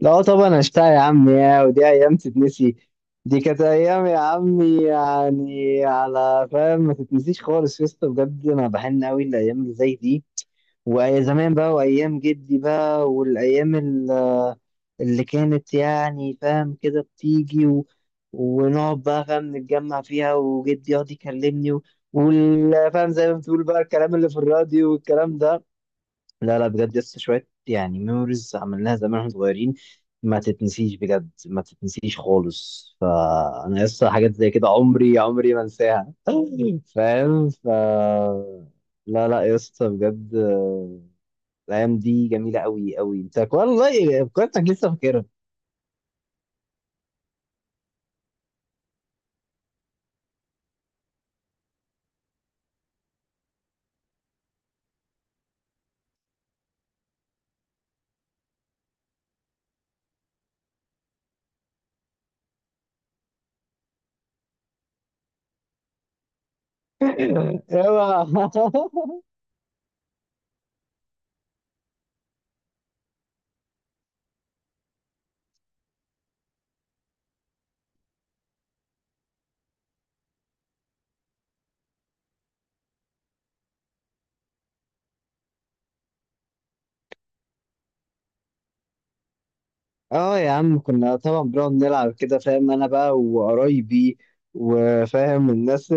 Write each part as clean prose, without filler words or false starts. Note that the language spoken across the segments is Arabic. لا طبعا اشتاق يا عم، يا ودي ايام تتنسي. دي كانت ايام يا عمي، يعني على فاهم ما تتنسيش خالص يا اسطى، بجد انا بحن قوي الايام اللي زي دي، وايام زمان بقى وايام جدي بقى، والايام اللي كانت يعني فاهم كده بتيجي ونقعد بقى فاهم نتجمع فيها، وجدي يقعد يكلمني فاهم زي ما بتقول بقى الكلام اللي في الراديو والكلام ده. لا لا بجد لسه شوية، يعني ميموريز عملناها زمان واحنا صغيرين، ما تتنسيش بجد، ما تتنسيش خالص. فأنا لسه حاجات زي كده عمري عمري ما انساها فاهم. لا لا يا اسطى بجد، آه، الأيام دي جميلة أوي أوي. أنت والله فكرتك، لسه فاكرها. اوعى. اه يا عم، كنا طبعا بنقعد نلعب كده فاهم، انا بقى وقرايبي وفاهم الناس،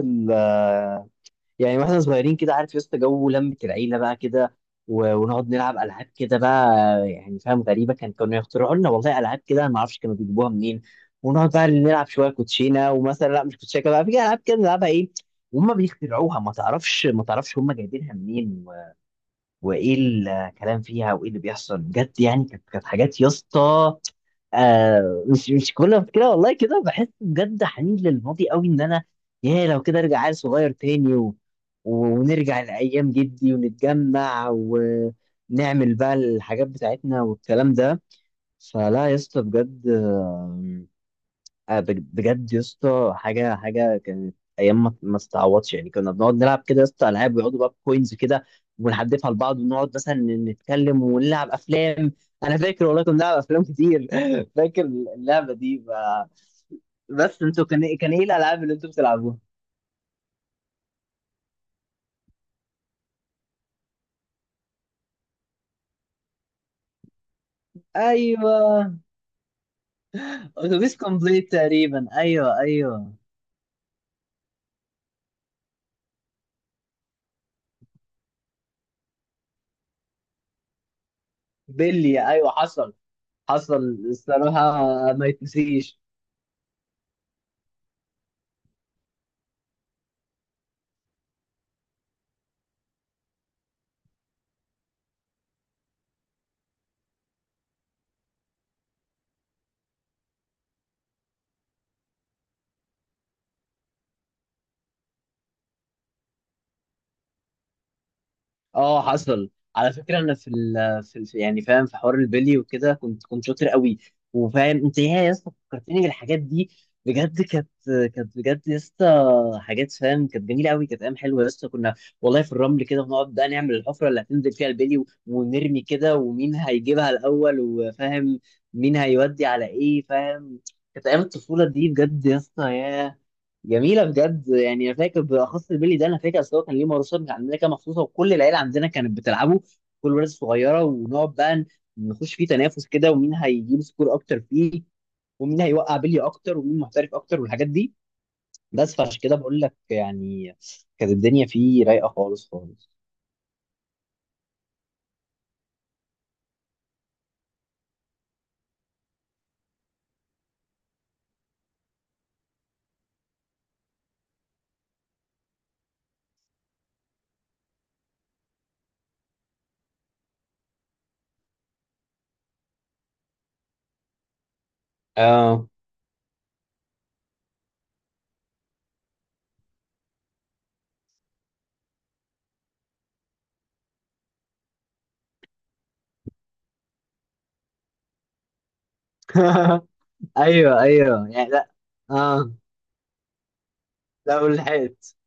يعني واحنا صغيرين كده، عارف يا اسطى جو لمة العيلة بقى كده ونقعد نلعب ألعاب كده بقى، يعني فاهم غريبة كانوا يخترعوا لنا والله ألعاب كده، أنا ما أعرفش كانوا بيجيبوها منين. ونقعد بقى نلعب شوية كوتشينة، ومثلا لا، مش كوتشينة، كده بقى في ألعاب كده نلعبها إيه، وهم بيخترعوها ما تعرفش ما تعرفش هم جايبينها منين، وايه الكلام فيها وايه اللي بيحصل بجد. يعني كانت حاجات يا اسطى، آه مش كل ما كده والله، كده بحس بجد حنين للماضي قوي ان انا يا لو كده ارجع عيل صغير تاني ونرجع لايام جدي ونتجمع ونعمل بقى الحاجات بتاعتنا والكلام ده. فلا يا اسطى بجد، آه، آه، بجد يا اسطى، حاجه كانت ايام ما استعوضش، يعني كنا بنقعد نلعب كده يا اسطى العاب، ويقعدوا بقى بكوينز كده ونحدفها لبعض، ونقعد مثلا نتكلم ونلعب افلام. انا فاكر والله كنا بنلعب افلام كتير فاكر اللعبه دي بقى. بس انتوا كان ايه الالعاب اللي انتوا بتلعبوها؟ ايوه، اتوبيس كومبليت تقريبا، ايوه ايوه. بيلي ايوه، حصل، حصل. الصراحه ما يتنسيش. اه حصل. على فكره انا في ال يعني فاهم، في حوار البلي وكده كنت شاطر قوي. وفاهم انت ايه يا اسطى، فكرتني بالحاجات دي، بجد كانت بجد يا اسطى حاجات فاهم، كانت جميله قوي، كانت ايام حلوه يا اسطى. كنا والله في الرمل كده بنقعد بقى نعمل الحفره اللي هتنزل فيها البلي ونرمي كده، ومين هيجيبها الاول وفاهم مين هيودي على ايه فاهم. كانت ايام الطفوله دي بجد يا اسطى، ياه جميله بجد. يعني انا فاكر بالاخص البيلي ده، انا فاكر اصل هو كان ليه مارشات عندنا كده مخصوصه، وكل العيله عندنا كانت بتلعبه، كل ولاد صغيره، ونقعد بقى نخش فيه تنافس كده، ومين هيجيب سكور اكتر فيه، ومين هيوقع بلي اكتر، ومين محترف اكتر والحاجات دي. بس فعشان كده بقول لك يعني، كانت الدنيا فيه رايقه خالص خالص. اه ايوه ايوه، يعني لا، اه. لا والحقيقة،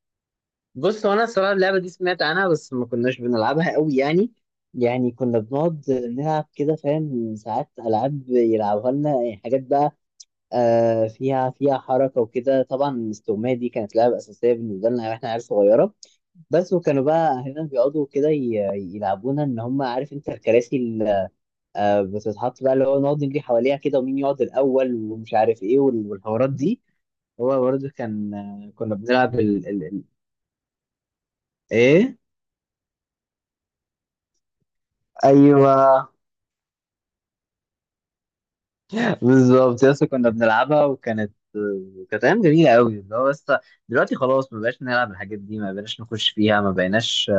بص هو انا الصراحه اللعبه دي سمعت عنها، بس ما كناش بنلعبها قوي يعني. يعني كنا بنقعد نلعب كده فاهم، ساعات العاب يلعبوها لنا يعني، حاجات بقى آه فيها حركه وكده. طبعا الاستغمايه دي كانت لعبه اساسيه بالنسبه لنا واحنا عيال صغيره، بس. وكانوا بقى اهلنا بيقعدوا كده يلعبونا، ان هم عارف انت الكراسي اللي آه بتتحط بقى، اللي هو نقعد نجري حواليها كده، ومين يقعد الاول ومش عارف ايه والحوارات دي. هو برضه كان آه، كنا بنلعب ايه، ايوه بالظبط يس، كنا بنلعبها، وكانت كانت ايام جميله قوي، اللي هو بس دلوقتي خلاص ما بقاش نلعب الحاجات دي، ما بقيناش نخش فيها، ما بقيناش.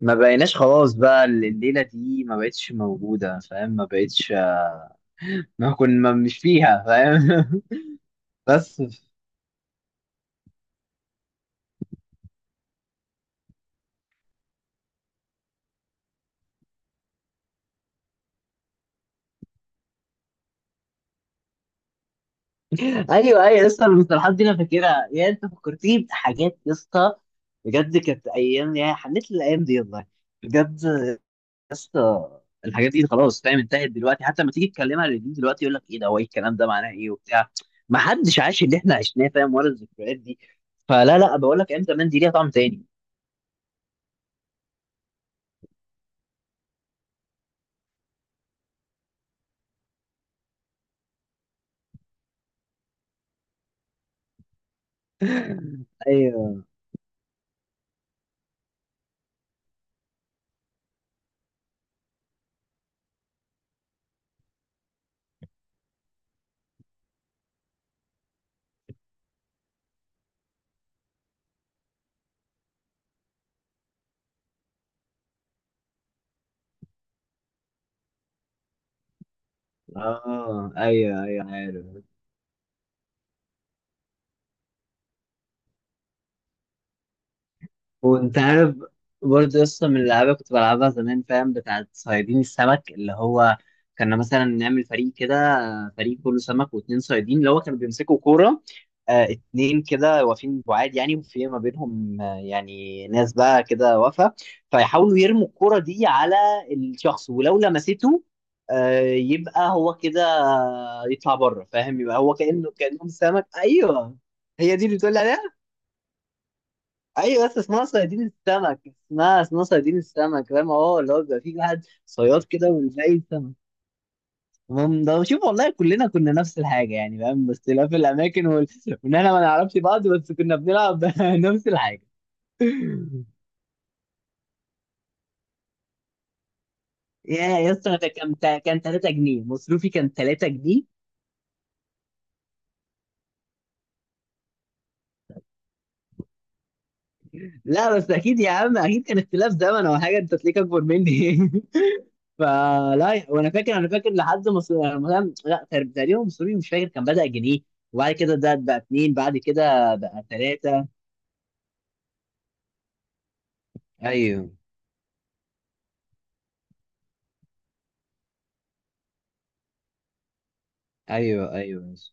ما بقيناش خلاص بقى، الليله دي ما بقتش موجوده فاهم، ما بقتش، ما كنا مش فيها فاهم. بس. ايوه ايوه لسه المصطلحات دي انا فاكرها، يا انت فكرتني بحاجات يا اسطى، بجد كانت ايام، يا حنيت للايام دي والله، بجد اسطى. الحاجات دي خلاص فاهم انتهت دلوقتي، حتى لما تيجي تكلمها للجيل دلوقتي يقول لك ايه ده، هو ايه الكلام ده، معناه ايه وبتاع، ما حدش عاش اللي احنا عشناه فاهم، ولا الذكريات دي. فلا لا بقول لك، ايام زمان دي ليها طعم تاني. ايوه، اه، ايوه ايوه عارف. وانت عارف برضه قصة من الألعاب كنت بلعبها زمان فاهم، بتاعت صيادين السمك، اللي هو كنا مثلا نعمل فريق كده، فريق كله سمك واتنين صيادين، اللي هو كانوا بيمسكوا كورة آه، اتنين كده واقفين بعاد يعني، وفي ما بينهم آه يعني ناس بقى كده واقفة، فيحاولوا يرموا الكورة دي على الشخص، ولو لمسته آه يبقى هو كده يطلع بره فاهم، يبقى هو كأنه كأنهم سمك، أيوه. هي دي اللي بتقول عليها، ايوه بس اسمها صيادين السمك، اسمها، اسمها صيادين السمك فاهم، اه اللي هو بيبقى فيه واحد صياد كده ويلاقي السمك. المهم، ده شوف والله كلنا كنا نفس الحاجه يعني فاهم، بس اختلاف الاماكن وان احنا ما نعرفش بعض، بس كنا بنلعب نفس الحاجه. يا يا اسطى ده كان 3 جنيه مصروفي، كان 3 جنيه. لا بس اكيد يا عم، اكيد كان اختلاف زمن او حاجه، انت تلاقيك اكبر مني فلا. وانا فاكر، انا فاكر لحد مصر مثلا، لا تقريباً مصري مش فاكر، كان بدأ جنيه، وبعد كده ده بقى اتنين، بعد كده بقى تلاتة. ايوه ايوه ايوه بس.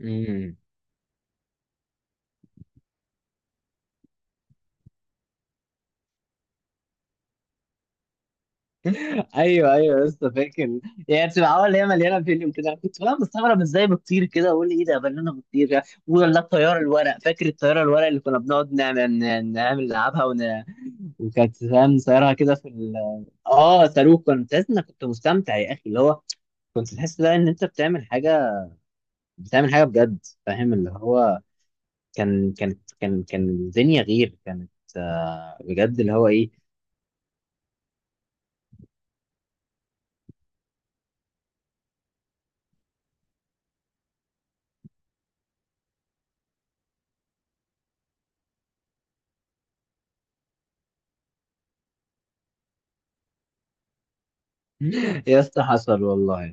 امم ايوه ايوه لسه فاكر. يعني بتبقى عوال هي مليانه فيلم كده، كنت بقى مستغرب ازاي بتطير كده، واقول ايه ده، بنانا بتطير. ولا الطياره الورق، فاكر الطياره الورق اللي كنا بنقعد نعمل نلعبها وكانت فاهم نصيرها كده في اه صاروخ، كنت تحس انك كنت مستمتع يا اخي، اللي هو كنت تحس بقى ان انت بتعمل حاجه، بتعمل حاجه بجد فاهم، اللي هو كان كانت كان كان الدنيا غير، كانت آه، بجد اللي هو ايه. يا اسطى حصل والله،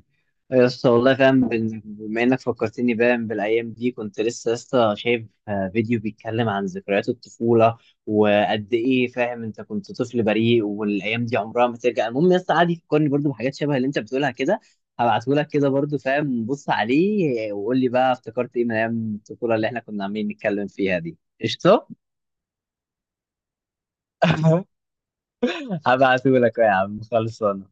يا اسطى والله فاهم، بما انك فكرتني باين بالايام دي، كنت لسه يا اسطى شايف آه، فيديو بيتكلم عن ذكريات الطفوله، وقد ايه فاهم انت كنت طفل بريء، والايام دي عمرها ما ترجع. المهم يا اسطى، قعد يفكرني برضو بحاجات شبه اللي انت بتقولها كده، هبعته لك كده برضو فاهم، بص عليه وقول لي بقى افتكرت ايه من ايام الطفوله اللي احنا كنا عاملين نتكلم فيها دي. قشطه. هبعته لك يا عم، خلصان.